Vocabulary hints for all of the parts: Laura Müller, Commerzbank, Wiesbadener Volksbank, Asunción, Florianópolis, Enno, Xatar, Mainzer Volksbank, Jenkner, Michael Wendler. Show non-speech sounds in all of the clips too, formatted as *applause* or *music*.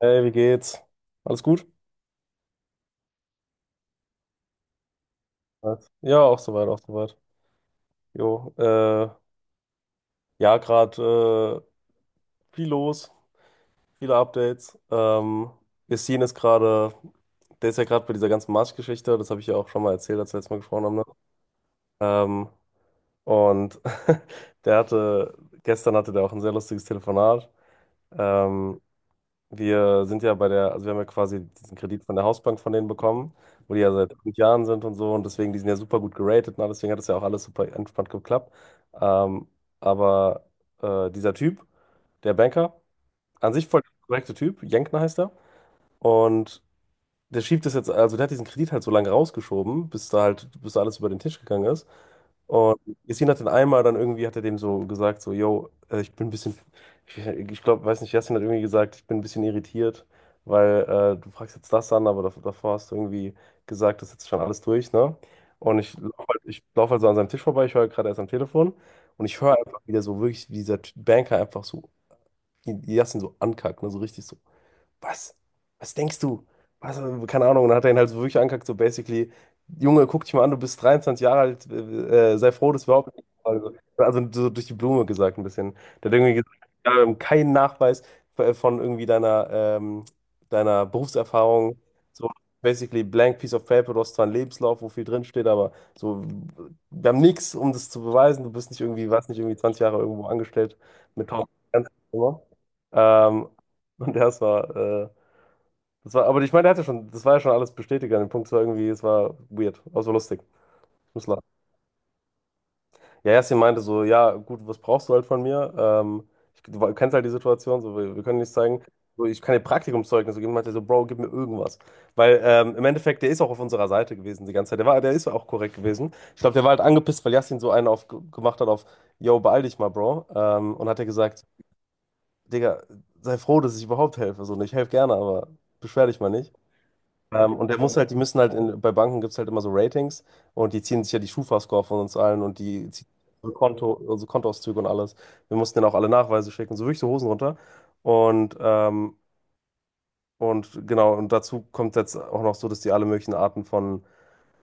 Hey, wie geht's? Alles gut? Was? Ja, auch soweit, auch soweit. Jo, ja, gerade viel los, viele Updates. Yassin ist gerade, der ist ja gerade bei dieser ganzen Marsch-Geschichte, das habe ich ja auch schon mal erzählt, als wir letztes Mal gesprochen haben, ne? Ähm, und *laughs* der hatte, gestern hatte der auch ein sehr lustiges Telefonat. Ähm, Wir sind ja also wir haben ja quasi diesen Kredit von der Hausbank von denen bekommen, wo die ja seit 5 Jahren sind und so, und deswegen, die sind ja super gut geratet und alles, deswegen hat es ja auch alles super entspannt geklappt. Ähm, aber dieser Typ, der Banker, an sich voll der korrekte Typ, Jenkner heißt er, und der schiebt das jetzt, also der hat diesen Kredit halt so lange rausgeschoben, bis da alles über den Tisch gegangen ist. Und Yassin hat dann einmal dann irgendwie, hat er dem so gesagt, so, yo, ich bin ein bisschen, ich glaube, weiß nicht, Yassin hat irgendwie gesagt, ich bin ein bisschen irritiert, weil du fragst jetzt das an, aber davor hast du irgendwie gesagt, das ist jetzt schon alles durch, ne? Und ich laufe halt, ich lauf halt so an seinem Tisch vorbei, ich höre gerade erst am Telefon und ich höre einfach wieder so wirklich, wie dieser Banker einfach so Yassin so ankackt, ne? So richtig so, was? Was denkst du? Was, keine Ahnung. Und dann hat er ihn halt so wirklich angekackt, so basically, Junge, guck dich mal an, du bist 23 Jahre alt, sei froh, dass wir überhaupt nicht. Also, so durch die Blume gesagt ein bisschen. Der hat irgendwie gesagt, ja, wir haben keinen Nachweis von irgendwie deiner Berufserfahrung. So basically blank piece of paper, du hast zwar einen Lebenslauf, wo viel drinsteht, aber so, wir haben nichts, um das zu beweisen. Du bist nicht irgendwie, warst nicht irgendwie 20 Jahre irgendwo angestellt mit tausend. Ähm, und das war, aber ich meine, er hatte schon, das war ja schon alles bestätigt an dem Punkt. Es war irgendwie, es war weird, aber so lustig. Ich muss lachen. Ja, Yasin meinte so, ja, gut, was brauchst du halt von mir? Du kennst halt die Situation, so, wir können nichts zeigen. So, ich kann dir Praktikumszeugnisse geben. Meinte er so, Bro, gib mir irgendwas. Weil im Endeffekt, der ist auch auf unserer Seite gewesen die ganze Zeit. Der war, der ist ja auch korrekt gewesen. Ich glaube, der war halt angepisst, weil Yasin so einen auf, gemacht hat auf, yo, beeil dich mal, Bro. Und hat er gesagt, Digga, sei froh, dass ich überhaupt helfe. So, und ich helfe gerne, aber beschwer dich mal nicht. Und der muss halt, die müssen halt, bei Banken gibt es halt immer so Ratings, und die ziehen sich ja die Schufa-Score von uns allen und die ziehen unsere Konto, unsere Kontoauszüge und alles. Wir mussten denen auch alle Nachweise schicken, so wirklich so Hosen runter. Und, ähm, und genau, und dazu kommt jetzt auch noch so, dass die alle möglichen Arten von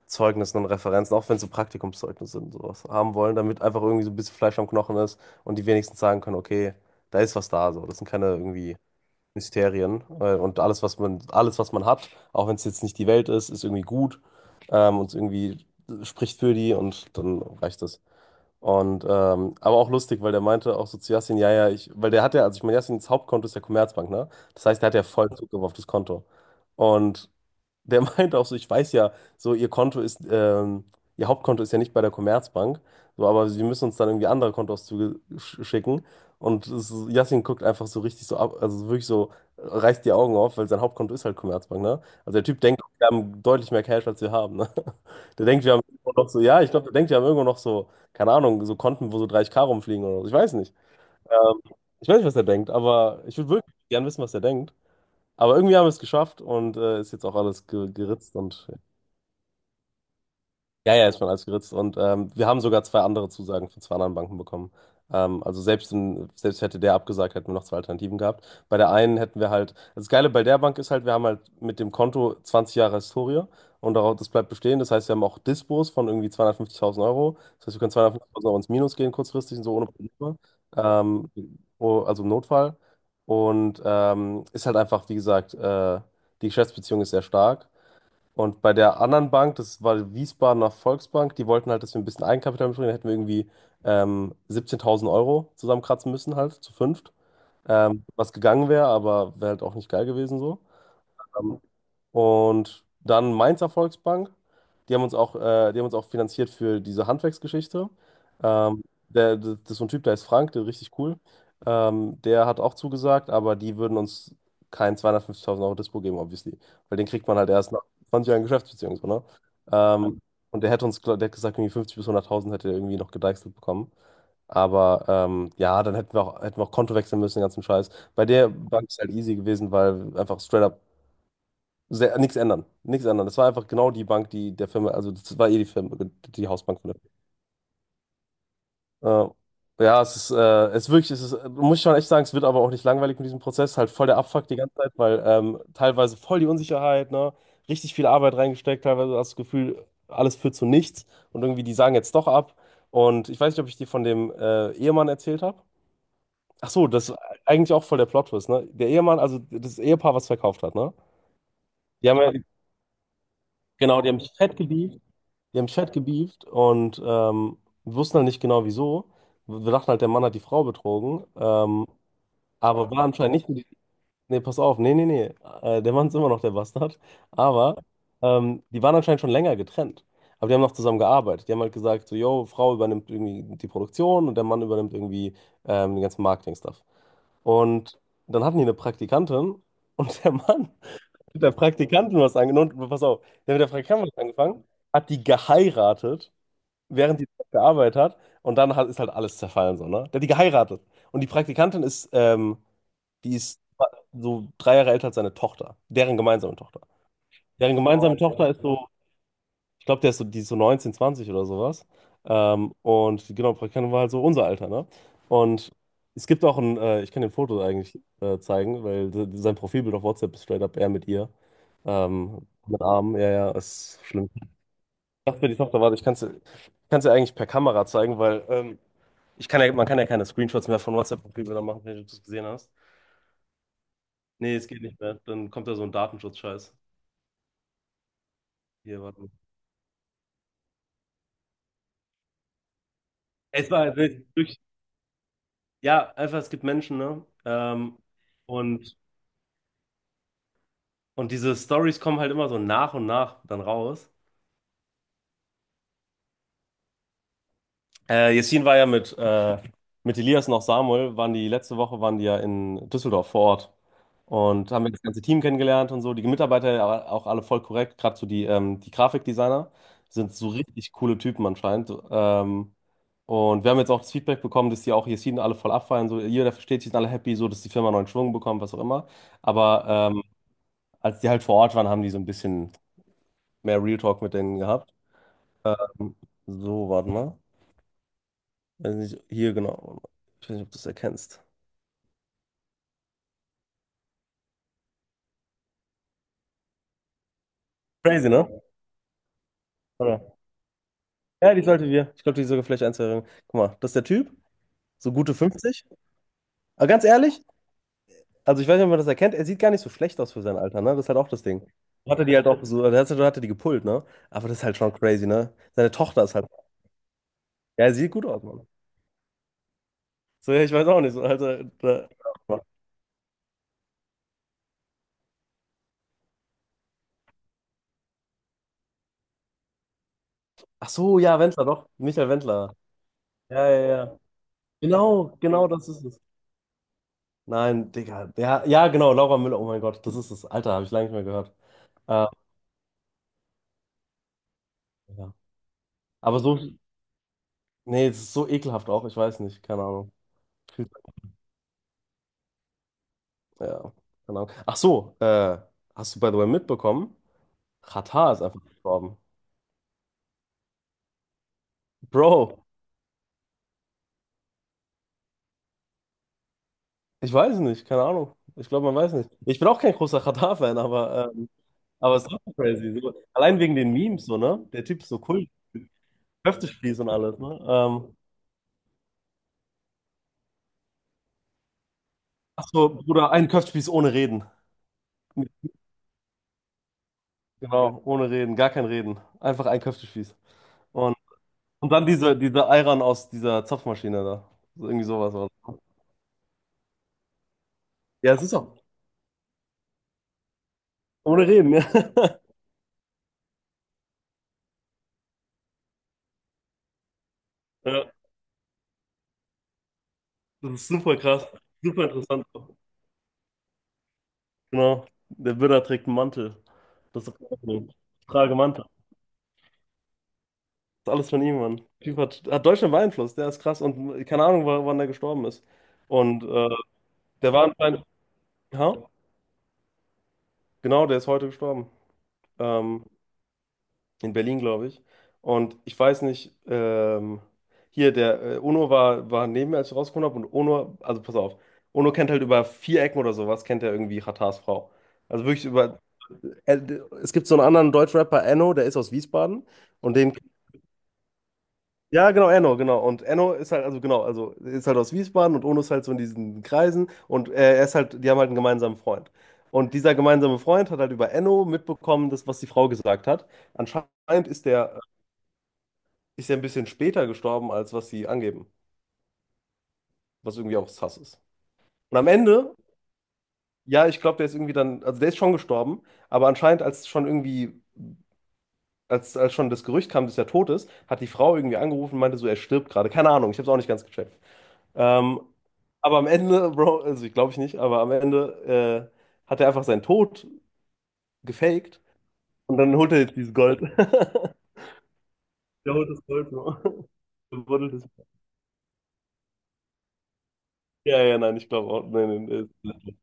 Zeugnissen und Referenzen, auch wenn es so Praktikumszeugnisse und sowas, haben wollen, damit einfach irgendwie so ein bisschen Fleisch am Knochen ist und die wenigstens sagen können, okay, da ist was da, so. Das sind keine irgendwie Mysterien und alles, was man hat, auch wenn es jetzt nicht die Welt ist, ist irgendwie gut, und irgendwie spricht für die und dann reicht das. Und aber auch lustig, weil der meinte auch so zu Yassin, ja, ja, ich, weil der hat ja, also ich meine, Yassins Hauptkonto ist ja Commerzbank, ne? Das heißt, der hat ja voll Zugriff auf das Konto. Und der *laughs* meinte auch so, ich weiß ja, so ihr Hauptkonto ist ja nicht bei der Commerzbank, so, aber sie müssen uns dann irgendwie andere Kontoauszüge schicken. Und Yassin guckt einfach so richtig so ab, also wirklich so, reißt die Augen auf, weil sein Hauptkonto ist halt Commerzbank, ne? Also der Typ denkt, wir haben deutlich mehr Cash, als wir haben, ne? *laughs* Der denkt, wir haben irgendwo noch so, ja, ich glaube, der denkt, wir haben irgendwo noch so, keine Ahnung, so Konten, wo so 30K rumfliegen oder so. Ich weiß nicht. Ähm, ich weiß nicht, was er denkt, aber ich würde wirklich gern wissen, was er denkt. Aber irgendwie haben wir es geschafft und ist jetzt auch alles ge geritzt und ja, ja, ist schon alles geritzt. Und wir haben sogar zwei andere Zusagen von zwei anderen Banken bekommen. Also selbst hätte der abgesagt, hätten wir noch zwei Alternativen gehabt. Bei der einen hätten wir halt, das Geile bei der Bank ist halt, wir haben halt mit dem Konto 20 Jahre Historie, und darauf, das bleibt bestehen. Das heißt, wir haben auch Dispos von irgendwie 250.000 Euro. Das heißt, wir können 250.000 Euro ins Minus gehen kurzfristig und so ohne Probleme. Ähm, oh, also im Notfall. Und ist halt einfach, wie gesagt, die Geschäftsbeziehung ist sehr stark. Und bei der anderen Bank, das war die Wiesbadener Volksbank, die wollten halt, dass wir ein bisschen Eigenkapital mitbringen. Da hätten wir irgendwie 17.000 Euro zusammenkratzen müssen, halt zu fünft. Was gegangen wäre, aber wäre halt auch nicht geil gewesen so. Ähm, und dann Mainzer Volksbank. Die haben uns auch, die haben uns auch finanziert für diese Handwerksgeschichte. Ähm, das ist so ein Typ, der ist Frank, der ist richtig cool. Der hat auch zugesagt, aber die würden uns kein 250.000 Euro Dispo geben, obviously. Weil den kriegt man halt erst nach 20 Jahren Geschäftsbeziehung, so, ne? Ähm, und der hätte uns, der hat gesagt, irgendwie 50 bis 100.000 hätte er irgendwie noch gedeichselt bekommen. Aber ja, dann hätten wir auch Konto wechseln müssen, den ganzen Scheiß. Bei der Bank ist halt easy gewesen, weil einfach straight up sehr, nichts ändern. Nichts ändern. Das war einfach genau die Bank, die der Firma, also das war eh die Firma, die Hausbank von der Firma. Ja, es ist wirklich, es ist, muss ich schon echt sagen, es wird aber auch nicht langweilig mit diesem Prozess. Halt voll der Abfuck die ganze Zeit, weil teilweise voll die Unsicherheit, ne? Richtig viel Arbeit reingesteckt, teilweise hast du das Gefühl, alles führt zu nichts und irgendwie die sagen jetzt doch ab. Und ich weiß nicht, ob ich dir von dem Ehemann erzählt habe. Ach so, das ist eigentlich auch voll der Plot-Twist, ne? Der Ehemann, also das Ehepaar, was verkauft hat, ne? Die haben ja, genau, die haben mich fett geliebt. Die haben fett gebieft und wir wussten halt nicht genau wieso. Wir dachten halt, der Mann hat die Frau betrogen. Aber war anscheinend nicht so die. Nee, pass auf, nee, nee, nee. Der Mann ist immer noch der Bastard. Aber die waren anscheinend schon länger getrennt. Aber die haben noch zusammen gearbeitet. Die haben halt gesagt, so, yo, Frau übernimmt irgendwie die Produktion und der Mann übernimmt irgendwie den ganzen Marketing-Stuff. Und dann hatten die eine Praktikantin *laughs* und der Mann mit der Praktikantin was angefangen. Pass auf, der mit der Praktikantin was angefangen, hat die geheiratet, während die gearbeitet hat. Und dann hat, ist halt alles zerfallen, so, ne? Der hat die geheiratet. Und die Praktikantin ist, die ist so 3 Jahre älter als seine Tochter. Deren gemeinsame Tochter. Deren gemeinsame, oh, Tochter ist so, ich glaube, der ist so, die ist so 19, 20 oder sowas. Und die, genau, Praktikantin war halt so unser Alter, ne? Und es gibt auch ein, ich kann dir Foto eigentlich zeigen, weil sein Profilbild auf WhatsApp ist straight up er mit ihr. Mit Armen, ja, ja, ist schlimm. Ich dachte, die Tochter, warte, ich kann es dir kann's dir eigentlich per Kamera zeigen, weil ich kann ja, man kann ja keine Screenshots mehr von whatsapp profilen machen, wenn du das gesehen hast. Nee, es geht nicht mehr. Dann kommt da so ein Datenschutz-Scheiß. Hier, warte mal. Es war durch, ja, einfach, es gibt Menschen, ne? Und, und diese Stories kommen halt immer so nach und nach dann raus. Yassin war ja mit Elias noch Samuel, waren die letzte Woche waren die ja in Düsseldorf vor Ort und haben wir das ganze Team kennengelernt und so. Die Mitarbeiter ja auch alle voll korrekt, gerade so die, die Grafikdesigner sind so richtig coole Typen anscheinend. Und wir haben jetzt auch das Feedback bekommen, dass die auch Yassin alle voll abfeiern. So, jeder versteht sich, sind alle happy, so dass die Firma neuen Schwung bekommt, was auch immer. Aber ähm, als die halt vor Ort waren, haben die so ein bisschen mehr Real Talk mit denen gehabt. Ähm, so, warte mal. Weiß nicht, hier genau. Ich weiß nicht, ob du das erkennst. Crazy, ne? Oder? Ja, die sollten wir. Ich glaube, die ist sogar vielleicht eins. Guck mal, das ist der Typ, so gute 50. Aber ganz ehrlich, also ich weiß nicht, ob man das erkennt, er sieht gar nicht so schlecht aus für sein Alter, ne? Das ist halt auch das Ding. So hatte die halt auch so, also hat er die gepult, ne? Aber das ist halt schon crazy, ne? Seine Tochter ist halt. Ja, er sieht gut aus, Mann. So, ja, ich weiß auch nicht. So, also, da, ach so, ja, Wendler, doch. Michael Wendler. Ja, ja, ja. Genau, genau das ist es. Nein, Digga. Ja, ja, genau, Laura Müller. Oh mein Gott, das ist es. Alter, habe ich lange nicht mehr gehört. Äh, ja. Aber so, nee, es ist so ekelhaft auch. Ich weiß nicht, keine Ahnung. Ja, keine Ahnung. Ach so, hast du by the way mitbekommen? Xatar ist einfach gestorben. Bro, ich weiß nicht, keine Ahnung. Ich glaube, man weiß nicht. Ich bin auch kein großer Xatar-Fan, aber es ist trotzdem crazy. So, allein wegen den Memes, so, ne? Der Typ ist so cool. Köftespieß und alles, ne? Ach so, Bruder, ein Köftespieß ohne Reden. Genau, ohne Reden, gar kein Reden. Einfach ein Köftespieß. Und, und dann diese, diese Ayran aus dieser Zapfmaschine da. So, irgendwie sowas war das. Ja, es ist auch. Ohne Reden, ja. *laughs* Ja, das ist super krass. Super interessant. Genau. Der Buddha trägt einen Mantel. Das ist auch cool. Ich trage Mantel. Das ist alles von ihm, Mann. Typ hat Deutschland beeinflusst, der ist krass. Und keine Ahnung, wann der gestorben ist. Und der war anscheinend. Ja, genau, der ist heute gestorben. Ähm, in Berlin, glaube ich. Und ich weiß nicht, hier der Ono war, war neben mir, als ich rausgekommen habe. Und Ono, also pass auf, Ono kennt halt über 4 Ecken oder sowas, kennt er irgendwie Ratars Frau. Also wirklich über. Äh, es gibt so einen anderen Deutschrapper, Enno, der ist aus Wiesbaden. Und den. Ja, genau, Enno, genau. Und Enno ist halt, also genau, also ist halt aus Wiesbaden und Ono ist halt so in diesen Kreisen. Und er ist halt, die haben halt einen gemeinsamen Freund. Und dieser gemeinsame Freund hat halt über Enno mitbekommen, das, was die Frau gesagt hat. Anscheinend ist der ist ja ein bisschen später gestorben, als was sie angeben. Was irgendwie auch sass ist. Und am Ende, ja, ich glaube, der ist irgendwie dann, also der ist schon gestorben, aber anscheinend, als schon irgendwie, als schon das Gerücht kam, dass er tot ist, hat die Frau irgendwie angerufen und meinte so, er stirbt gerade. Keine Ahnung, ich habe es auch nicht ganz gecheckt. Ähm, aber am Ende, *laughs* Bro, also ich glaube ich nicht, aber am Ende hat er einfach seinen Tod gefaked und dann holt er jetzt dieses Gold. *laughs* Der holt das Gold, Bro. Der buddelt das. *laughs* Ja, ja, nein, ich glaube auch. Nein, nein, ist,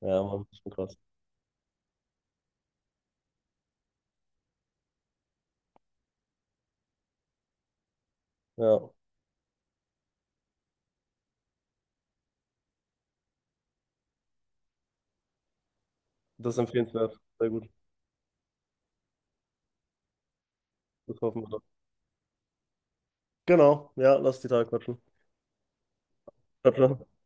ja, Mann, schon krass. Ja. Das ist empfehlenswert. Sehr gut. Das hoffen wir doch. Genau, ja, lass die Tage quatschen. Ciao, ciao.